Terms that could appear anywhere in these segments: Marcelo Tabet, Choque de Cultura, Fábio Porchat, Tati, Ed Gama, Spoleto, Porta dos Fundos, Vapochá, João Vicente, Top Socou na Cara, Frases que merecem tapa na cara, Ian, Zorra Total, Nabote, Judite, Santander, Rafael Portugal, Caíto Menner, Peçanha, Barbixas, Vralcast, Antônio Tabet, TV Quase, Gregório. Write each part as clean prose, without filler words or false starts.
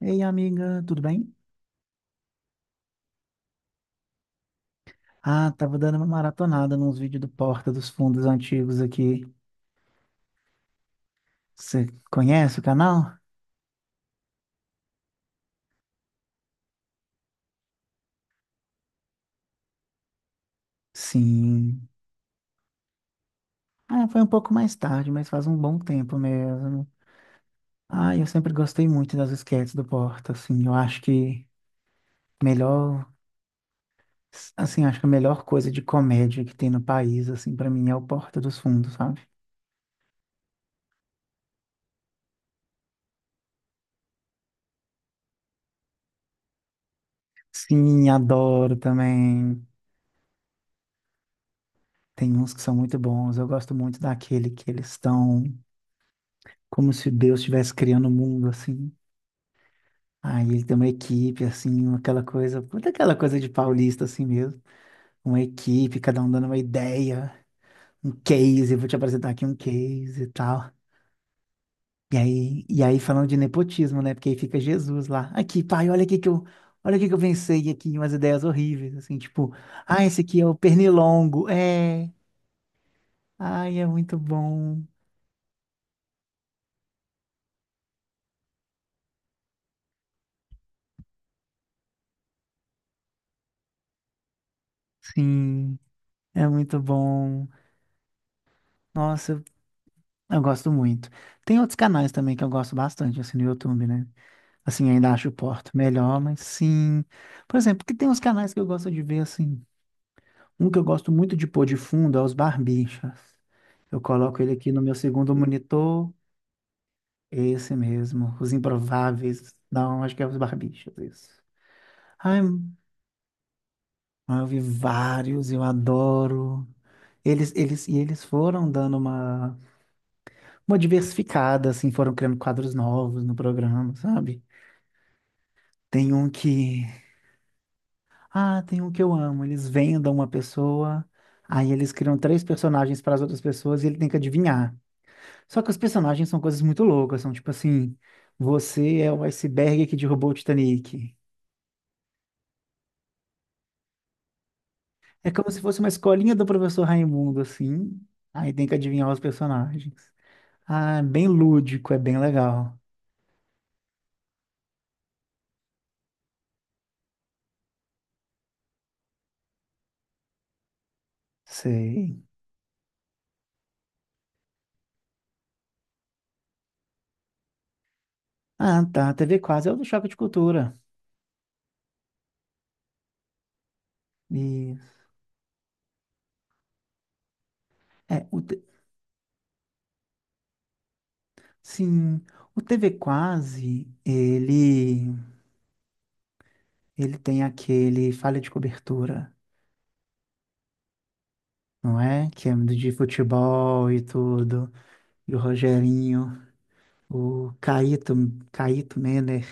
Ei, amiga, tudo bem? Ah, tava dando uma maratonada nos vídeos do Porta dos Fundos antigos aqui. Você conhece o canal? Sim. Ah, foi um pouco mais tarde, mas faz um bom tempo mesmo. Ah, eu sempre gostei muito das esquetes do Porta, assim, eu acho que melhor, assim, acho que a melhor coisa de comédia que tem no país, assim, pra mim é o Porta dos Fundos, sabe? Sim, adoro também. Tem uns que são muito bons. Eu gosto muito daquele que eles estão como se Deus estivesse criando o mundo, assim. Aí ele tem uma equipe, assim, aquela coisa, puta aquela coisa de paulista, assim mesmo. Uma equipe, cada um dando uma ideia, um case, eu vou te apresentar aqui um case e tal. E aí falando de nepotismo, né? Porque aí fica Jesus lá. Aqui, pai, olha aqui que eu pensei aqui, umas ideias horríveis, assim, tipo, ah, esse aqui é o pernilongo, é, ai, é muito bom, sim, é muito bom. Nossa, eu gosto muito. Tem outros canais também que eu gosto bastante, assim, no YouTube, né? Assim, ainda acho o Porto melhor, mas sim. Por exemplo, que tem uns canais que eu gosto de ver, assim. Um que eu gosto muito de pôr de fundo é os Barbixas. Eu coloco ele aqui no meu segundo monitor. Esse mesmo. Os Improváveis. Não, acho que é os Barbixas, isso. Ai, eu vi vários, eu adoro. Eles foram dando uma diversificada, assim, foram criando quadros novos no programa, sabe? Tem um que. Ah, tem um que eu amo. Eles vendam uma pessoa, aí eles criam três personagens para as outras pessoas e ele tem que adivinhar. Só que os personagens são coisas muito loucas, são tipo assim: você é o iceberg que derrubou o Titanic. É como se fosse uma escolinha do professor Raimundo, assim. Aí tem que adivinhar os personagens. Ah, é bem lúdico, é bem legal. Sei. Ah, tá. TV Quase é o do Choque de Cultura. Isso. É, sim, o TV Quase, ele tem aquele falha de cobertura, não é? Que é de futebol e tudo. E o Rogerinho, o Caíto, Caíto Menner.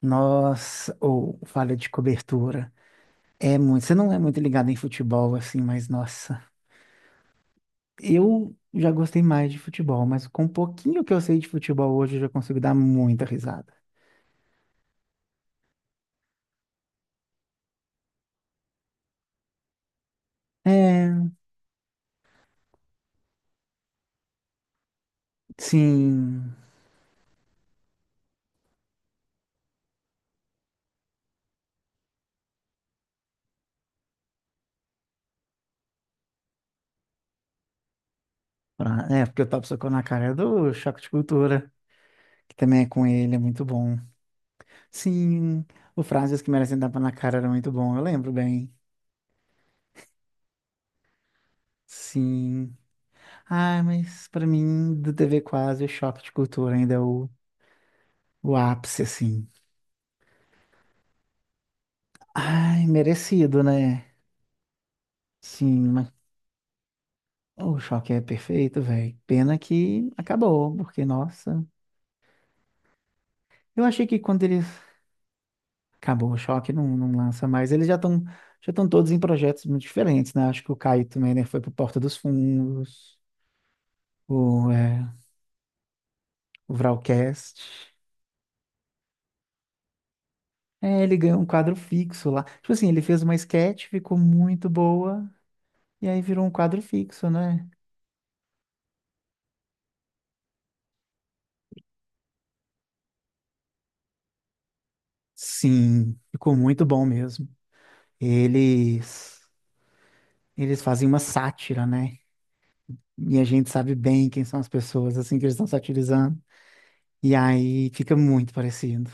Nossa, ou falha de cobertura. É muito. Você não é muito ligado em futebol, assim, mas nossa. Eu já gostei mais de futebol, mas com um pouquinho que eu sei de futebol hoje, eu já consigo dar muita risada. É, sim. É, porque o Top Socou na Cara é do Choque de Cultura, que também é com ele, é muito bom. Sim, o Frases que merecem tapa na cara era muito bom, eu lembro bem. Sim. Ah, mas pra mim, do TV Quase, o choque de cultura ainda é o ápice, assim. Ai, merecido, né? Sim, mas o choque é perfeito, velho. Pena que acabou, porque, nossa. Eu achei que quando eles. Acabou o choque, não, não lança mais. Eles já estão todos em projetos muito diferentes, né? Acho que o Caio também, né? Foi pro Porta dos Fundos, o, é, o Vralcast. É, ele ganhou um quadro fixo lá. Tipo assim, ele fez uma sketch, ficou muito boa, e aí virou um quadro fixo, né? Sim, ficou muito bom mesmo. Eles, eles fazem uma sátira, né? E a gente sabe bem quem são as pessoas, assim, que eles estão satirizando. E aí fica muito parecido.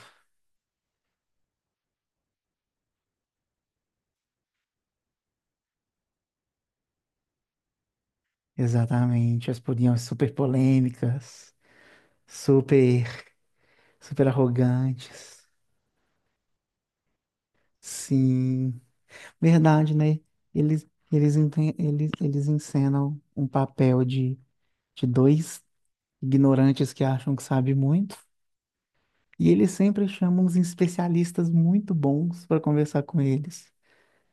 Exatamente, as podiam ser super polêmicas, super, super arrogantes. Sim. Verdade, né? Eles encenam um papel de, dois ignorantes que acham que sabem muito, e eles sempre chamam uns especialistas muito bons para conversar com eles.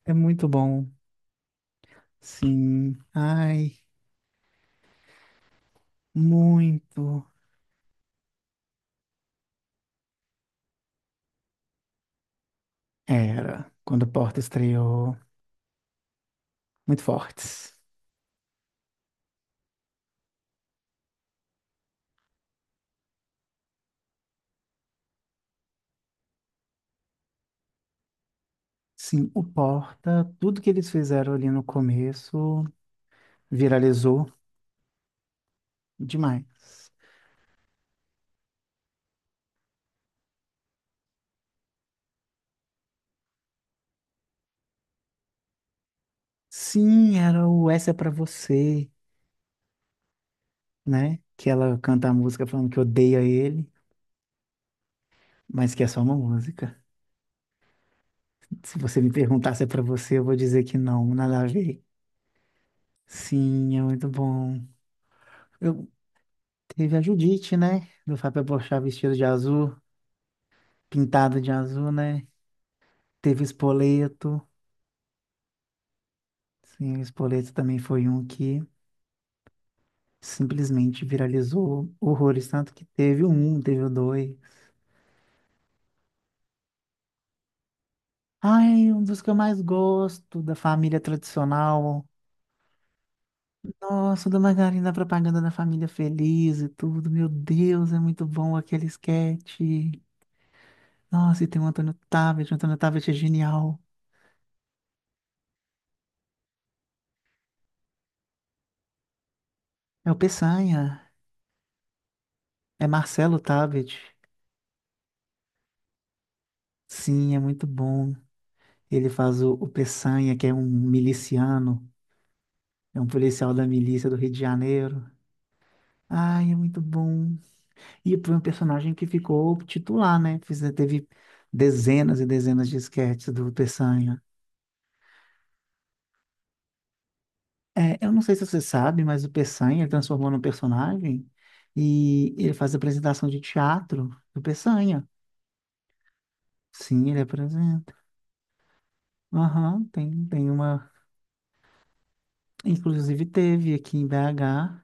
É muito bom. Sim. Ai, muito. Era, quando o Porta estreou, muito fortes. Sim, o Porta, tudo que eles fizeram ali no começo viralizou demais. Sim, era o Essa é pra você, né? Que ela canta a música falando que odeia ele, mas que é só uma música. Se você me perguntar se é pra você, eu vou dizer que não, nada a ver. Sim, é muito bom. Eu Teve a Judite, né? Do Fábio Porchat vestido de azul, pintado de azul, né? Teve o Spoleto. Sim, o Spoleto também foi um que simplesmente viralizou horrores, tanto que teve o um, teve o dois. Ai, um dos que eu mais gosto da família tradicional. Nossa, da Margarina, a propaganda da família feliz e tudo. Meu Deus, é muito bom aquele esquete. Nossa, e tem o Antônio Tabet. O Antônio Tabet é genial. É o Peçanha. É Marcelo Tabet. Sim, é muito bom. Ele faz o Peçanha, que é um miliciano. É um policial da milícia do Rio de Janeiro. Ai, é muito bom. E foi um personagem que ficou titular, né? Teve dezenas e dezenas de esquetes do Peçanha. É, eu não sei se você sabe, mas o Peçanha ele transformou num personagem e ele faz apresentação de teatro do Peçanha. Sim, ele apresenta. Aham, tem uma. Inclusive teve aqui em BH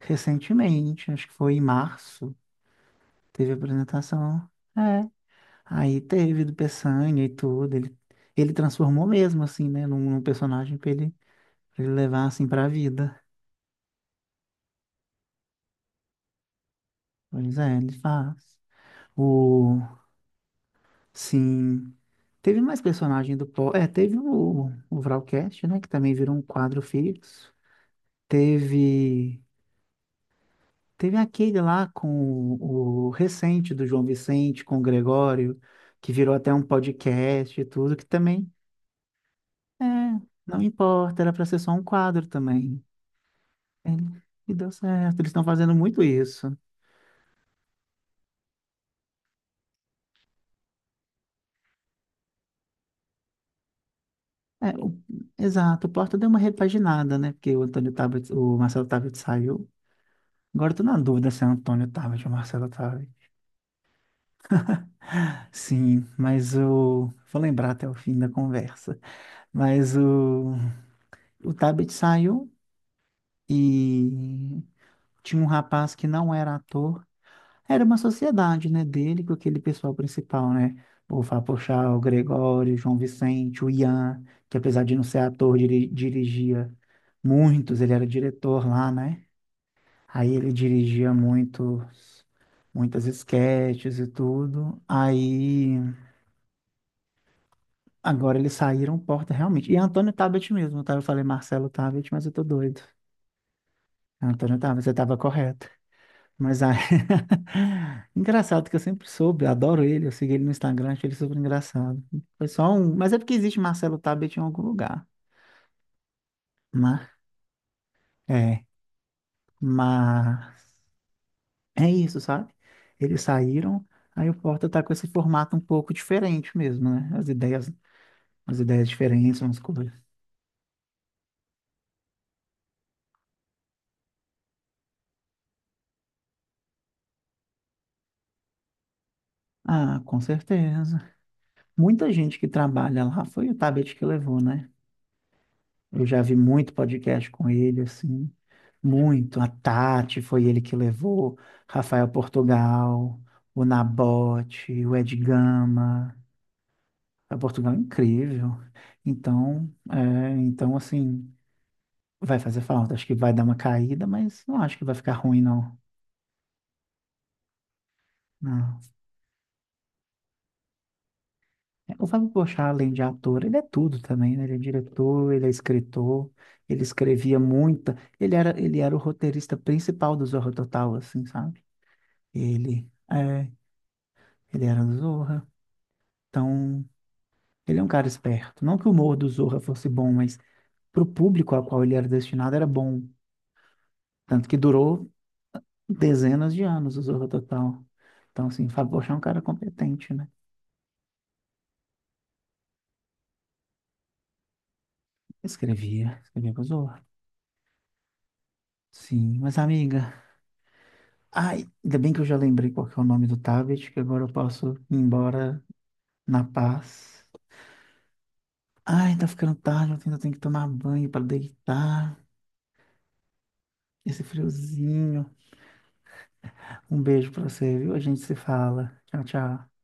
recentemente, acho que foi em março, teve apresentação. É. Aí teve do Peçanha e tudo. Ele transformou mesmo, assim, né, num personagem pra ele levar, assim, pra vida. Pois é, ele faz. O. Sim. Teve mais personagem do Po. É, teve o Vralcast, né? Que também virou um quadro fixo. Teve. Teve aquele lá com o recente do João Vicente, com o Gregório, que virou até um podcast e tudo, que também. É, não importa, era pra ser só um quadro também. É, e deu certo, eles estão fazendo muito isso. É, exato, o Porta deu uma repaginada, né? Porque o Antônio Tabet, o Marcelo Tabet saiu. Agora eu tô na dúvida se é Antônio Tabet ou Marcelo Tabet. Sim, mas o. Vou lembrar até o fim da conversa. Mas o Tabet saiu e tinha um rapaz que não era ator. Era uma sociedade, né, dele com aquele pessoal principal, né? O Vapochá, o Gregório, o João Vicente, o Ian, que apesar de não ser ator, dirigia muitos, ele era diretor lá, né? Aí ele dirigia muitas esquetes e tudo. Aí. Agora eles saíram porta realmente. E Antônio Tabet mesmo, tá? Eu falei Marcelo Tabet, mas eu tô doido. Antônio Tabet, você tava correto. Mas aí, engraçado que eu sempre soube, eu adoro ele, eu segui ele no Instagram, achei ele super engraçado. Foi só um, mas é porque existe Marcelo Tabet em algum lugar. Mas é, mas é isso, sabe? Eles saíram, aí o Porta tá com esse formato um pouco diferente mesmo, né? As ideias diferentes, umas coisas. Ah, com certeza. Muita gente que trabalha lá foi o Tabet que levou, né? Eu já vi muito podcast com ele, assim, muito. A Tati foi ele que levou, Rafael Portugal, o Nabote, o Ed Gama. O Portugal é incrível. Então, assim, vai fazer falta. Acho que vai dar uma caída, mas não acho que vai ficar ruim, não. Não. É, o Fábio Porchat, além de ator, ele é tudo também, né? Ele é diretor, ele é escritor, ele escrevia muita. Ele era o roteirista principal do Zorra Total, assim, sabe? Ele, é, ele era do Zorra. Então, ele é um cara esperto. Não que o humor do Zorra fosse bom, mas pro público ao qual ele era destinado era bom. Tanto que durou dezenas de anos o Zorra Total. Então, assim, Fábio Porchat é um cara competente, né? Escrevia, escrevia pro Zorra. Sim, mas amiga. Ai, ainda bem que eu já lembrei qual que é o nome do tablet, que agora eu posso ir embora na paz. Ai, tá ficando tarde, eu ainda tenho que tomar banho para deitar. Esse friozinho. Um beijo pra você, viu? A gente se fala. Tchau, tchau.